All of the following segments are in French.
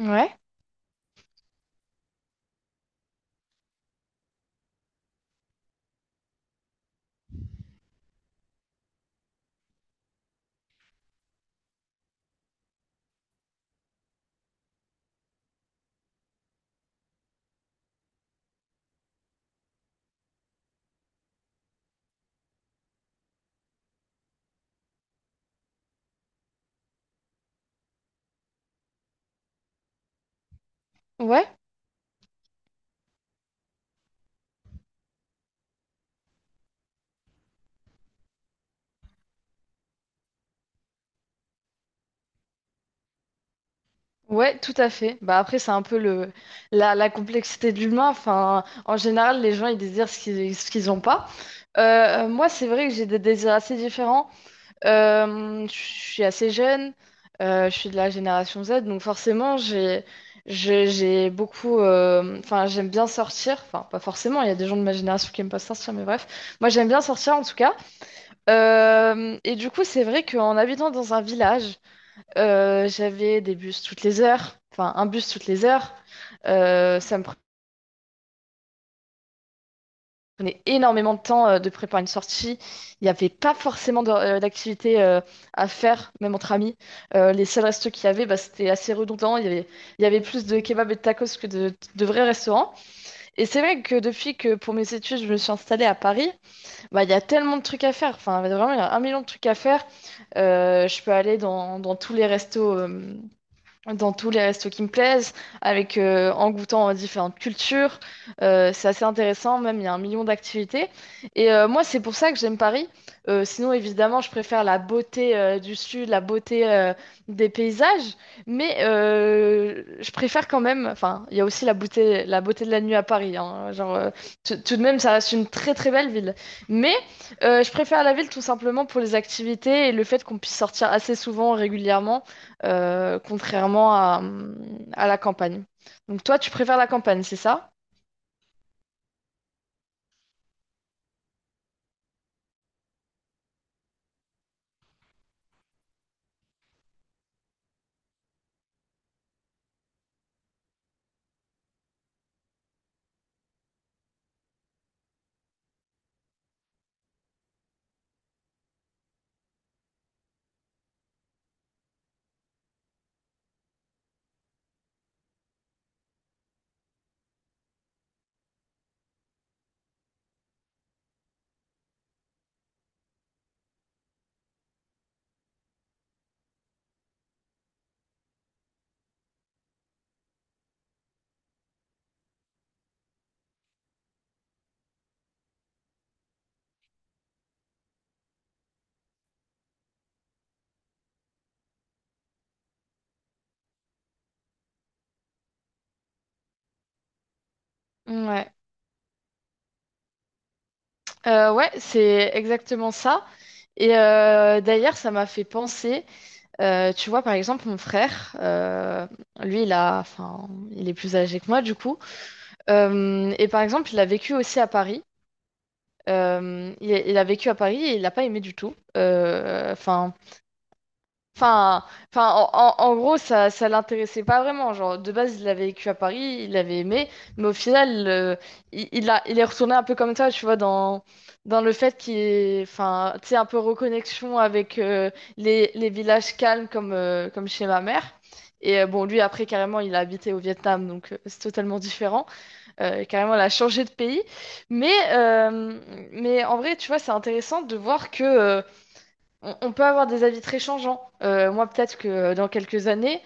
Ouais, ouais, ouais, tout à fait. Bah après, c'est un peu la complexité de l'humain. Enfin, en général, les gens ils désirent ce qu'ils n'ont pas. Moi, c'est vrai que j'ai des désirs assez différents. Je suis assez jeune. Je suis de la génération Z, donc forcément, j'ai beaucoup. Enfin, j'aime bien sortir. Enfin, pas forcément. Il y a des gens de ma génération qui aiment pas sortir, mais bref. Moi, j'aime bien sortir en tout cas. Et du coup, c'est vrai qu'en habitant dans un village. J'avais des bus toutes les heures, enfin un bus toutes les heures. Ça me prenait énormément de temps de préparer une sortie. Il n'y avait pas forcément d'activité à faire, même entre amis. Les seuls restos qu'il y avait, bah, c'était assez redondant. Il y avait plus de kebabs et de tacos que de vrais restaurants. Et c'est vrai que depuis que pour mes études, je me suis installée à Paris, bah, il y a tellement de trucs à faire. Enfin, vraiment, il y a un million de trucs à faire. Je peux aller dans tous les restos. Dans tous les restos qui me plaisent, en goûtant à différentes cultures. C'est assez intéressant, même il y a un million d'activités. Et moi, c'est pour ça que j'aime Paris. Sinon, évidemment, je préfère la beauté du sud, la beauté des paysages, mais je préfère quand même, enfin, il y a aussi la beauté de la nuit à Paris, hein. Genre, tout de même, ça reste une très très belle ville. Mais je préfère la ville tout simplement pour les activités et le fait qu'on puisse sortir assez souvent, régulièrement, contrairement à la campagne. Donc toi, tu préfères la campagne, c'est ça? Ouais. Ouais, c'est exactement ça. Et d'ailleurs, ça m'a fait penser, tu vois, par exemple, mon frère, lui, enfin, il est plus âgé que moi, du coup. Et par exemple, il a vécu aussi à Paris. Il a vécu à Paris et il n'a pas aimé du tout. Enfin, enfin, en gros, ça l'intéressait pas vraiment. Genre, de base, il avait vécu à Paris, il avait aimé, mais au final, il est retourné un peu comme ça, tu vois, dans le fait qu'il est, enfin, tu sais, un peu reconnexion avec les villages calmes comme chez ma mère. Et bon, lui, après, carrément, il a habité au Vietnam, donc c'est totalement différent. Carrément, il a changé de pays. Mais, euh, mais en vrai, tu vois, c'est intéressant de voir que on peut avoir des avis très changeants. Moi, peut-être que dans quelques années,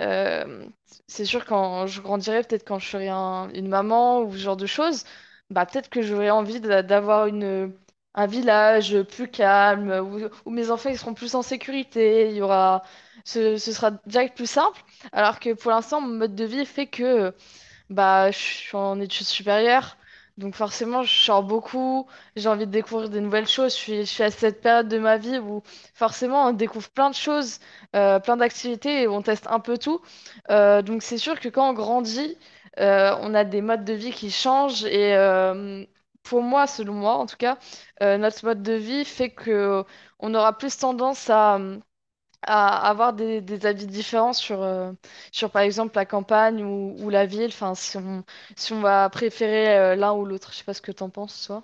euh, c'est sûr quand je grandirai, peut-être quand je serai une maman ou ce genre de choses, bah peut-être que j'aurai envie d'avoir une un village plus calme où mes enfants ils seront plus en sécurité. Il y aura, ce sera direct plus simple. Alors que pour l'instant, mon mode de vie fait que bah, je suis en études supérieures, donc forcément, je sors beaucoup, j'ai envie de découvrir des nouvelles choses. Je suis à cette période de ma vie où forcément, on découvre plein de choses, plein d'activités et on teste un peu tout. Donc, c'est sûr que quand on grandit, on a des modes de vie qui changent et pour moi, selon moi en tout cas, notre mode de vie fait que on aura plus tendance à avoir des avis différents sur, par exemple, la campagne ou la ville, enfin, si on va préférer l'un ou l'autre. Je sais pas ce que t'en penses, toi.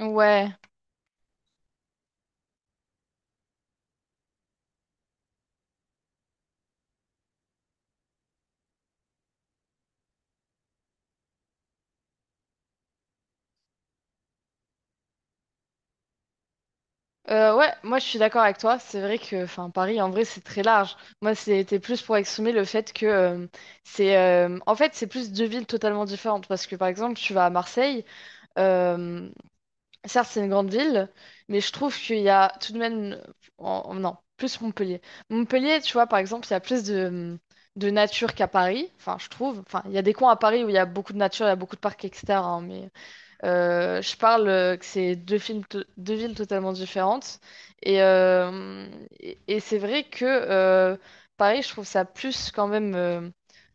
Ouais. Ouais, moi je suis d'accord avec toi. C'est vrai que enfin, Paris, en vrai, c'est très large. Moi, c'était plus pour exprimer le fait que en fait, c'est plus deux villes totalement différentes. Parce que, par exemple, tu vas à Marseille. euh, Certes, c'est une grande ville, mais je trouve qu'il y a tout de même. Non, plus Montpellier. Montpellier, tu vois, par exemple, il y a plus de nature qu'à Paris. Enfin, je trouve. Enfin, il y a des coins à Paris où il y a beaucoup de nature, il y a beaucoup de parcs, etc., hein, mais je parle que c'est deux villes totalement différentes. Et, euh, et c'est vrai que Paris, je trouve ça plus quand même.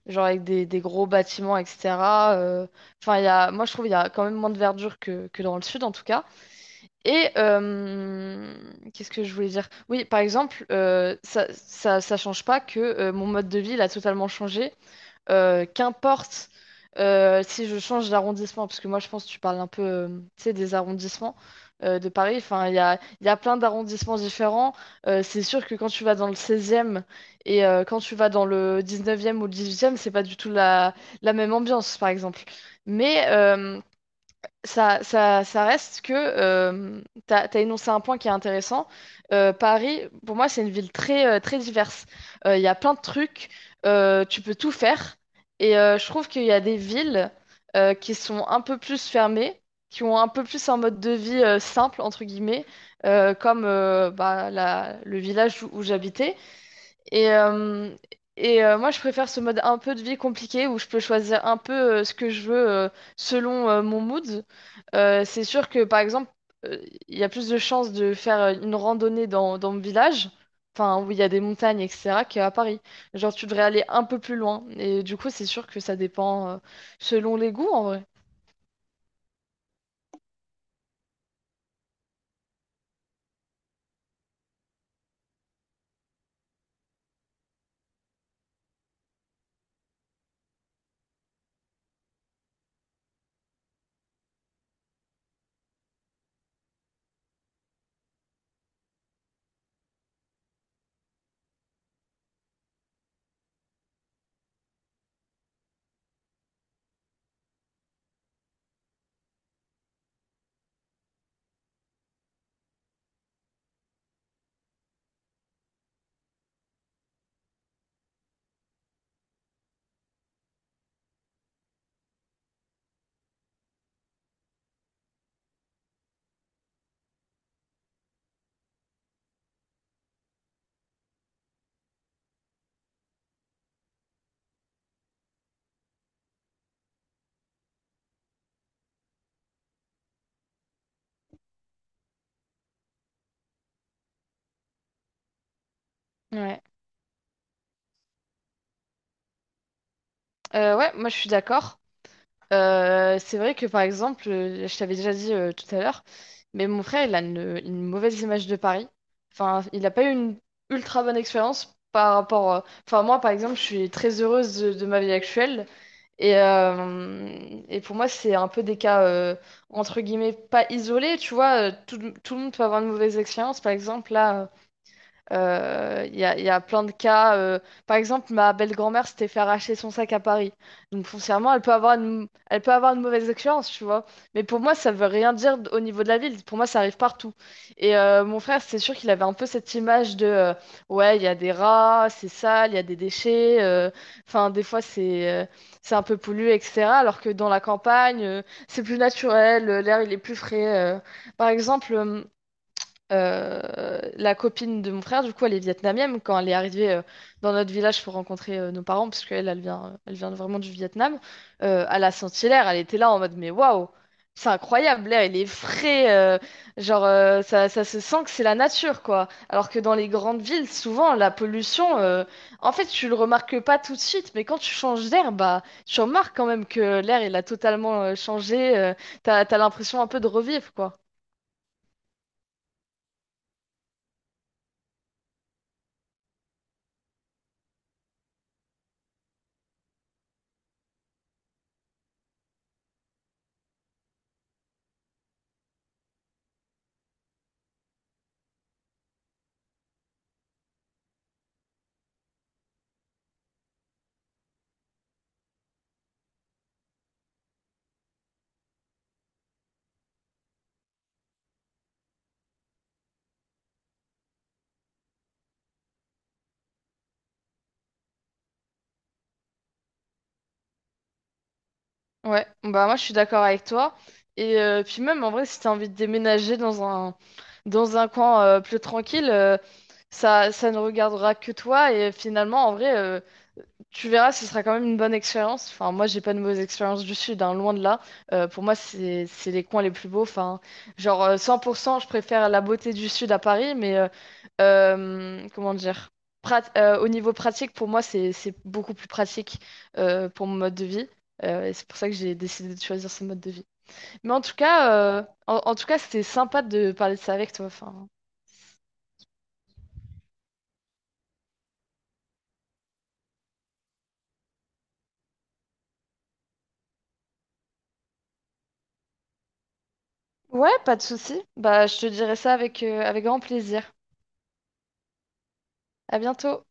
Genre avec des gros bâtiments, etc. euh, Enfin, moi, je trouve qu'il y a quand même moins de verdure que dans le sud, en tout cas. Et qu'est-ce que je voulais dire? Oui, par exemple, ça change pas que mon mode de vie il a totalement changé. Qu'importe si je change d'arrondissement, parce que moi je pense que tu parles un peu tu sais, des arrondissements de Paris. Enfin, il y a plein d'arrondissements différents. C'est sûr que quand tu vas dans le 16e et quand tu vas dans le 19e ou le 18e, c'est pas du tout la même ambiance, par exemple. Mais ça reste que tu as énoncé un point qui est intéressant. Paris, pour moi, c'est une ville très diverse. Il y a plein de trucs, tu peux tout faire. Et je trouve qu'il y a des villes qui sont un peu plus fermées, qui ont un peu plus un mode de vie simple, entre guillemets, comme bah, le village où j'habitais. Et, euh, et moi, je préfère ce mode un peu de vie compliqué où je peux choisir un peu ce que je veux selon mon mood. C'est sûr que, par exemple, euh, il y a plus de chances de faire une randonnée dans mon village, enfin, où il y a des montagnes, etc., qu'à Paris. Genre, tu devrais aller un peu plus loin. Et du coup, c'est sûr que ça dépend selon les goûts, en vrai. Ouais. Ouais, moi, je suis d'accord. C'est vrai que par exemple, je t'avais déjà dit tout à l'heure, mais mon frère, il a une mauvaise image de Paris. Enfin, il n'a pas eu une ultra bonne expérience par rapport. Enfin, moi, par exemple, je suis très heureuse de ma vie actuelle. Et, euh, et pour moi, c'est un peu des cas, entre guillemets, pas isolés. Tu vois, tout le monde peut avoir une mauvaise expérience. Par exemple, là. Il y a plein de cas. Par exemple, ma belle-grand-mère s'était fait arracher son sac à Paris. Donc foncièrement, elle peut avoir une mauvaise expérience, tu vois. Mais pour moi, ça veut rien dire au niveau de la ville. Pour moi, ça arrive partout. Et mon frère, c'est sûr qu'il avait un peu cette image de ouais, il y a des rats, c'est sale, il y a des déchets. Enfin, des fois, c'est un peu pollué, etc. Alors que dans la campagne, c'est plus naturel, l'air, il est plus frais. Par exemple. La copine de mon frère, du coup, elle est vietnamienne. Quand elle est arrivée dans notre village pour rencontrer nos parents, parce qu'elle, elle vient, vraiment du Vietnam, à la Saint-Hilaire, elle était là en mode, mais waouh, c'est incroyable, l'air, il est frais, genre, ça se sent que c'est la nature, quoi. Alors que dans les grandes villes, souvent, la pollution, en fait, tu le remarques pas tout de suite, mais quand tu changes d'air, bah, tu remarques quand même que l'air, il a totalement changé, t'as l'impression un peu de revivre, quoi. Ouais, bah moi je suis d'accord avec toi. Et puis même en vrai, si t'as envie de déménager dans un coin plus tranquille, ça ne regardera que toi. Et finalement, en vrai, tu verras, ce sera quand même une bonne expérience. Enfin, moi, j'ai pas de mauvaise expérience du sud, hein, loin de là. Pour moi, c'est les coins les plus beaux. Enfin, genre 100%, je préfère la beauté du sud à Paris, mais comment dire? Au niveau pratique, pour moi, c'est beaucoup plus pratique pour mon mode de vie. Et c'est pour ça que j'ai décidé de choisir ce mode de vie. Mais en tout cas, c'était sympa de parler de ça avec toi. Enfin, ouais, pas de souci. Bah, je te dirai ça avec grand plaisir. À bientôt.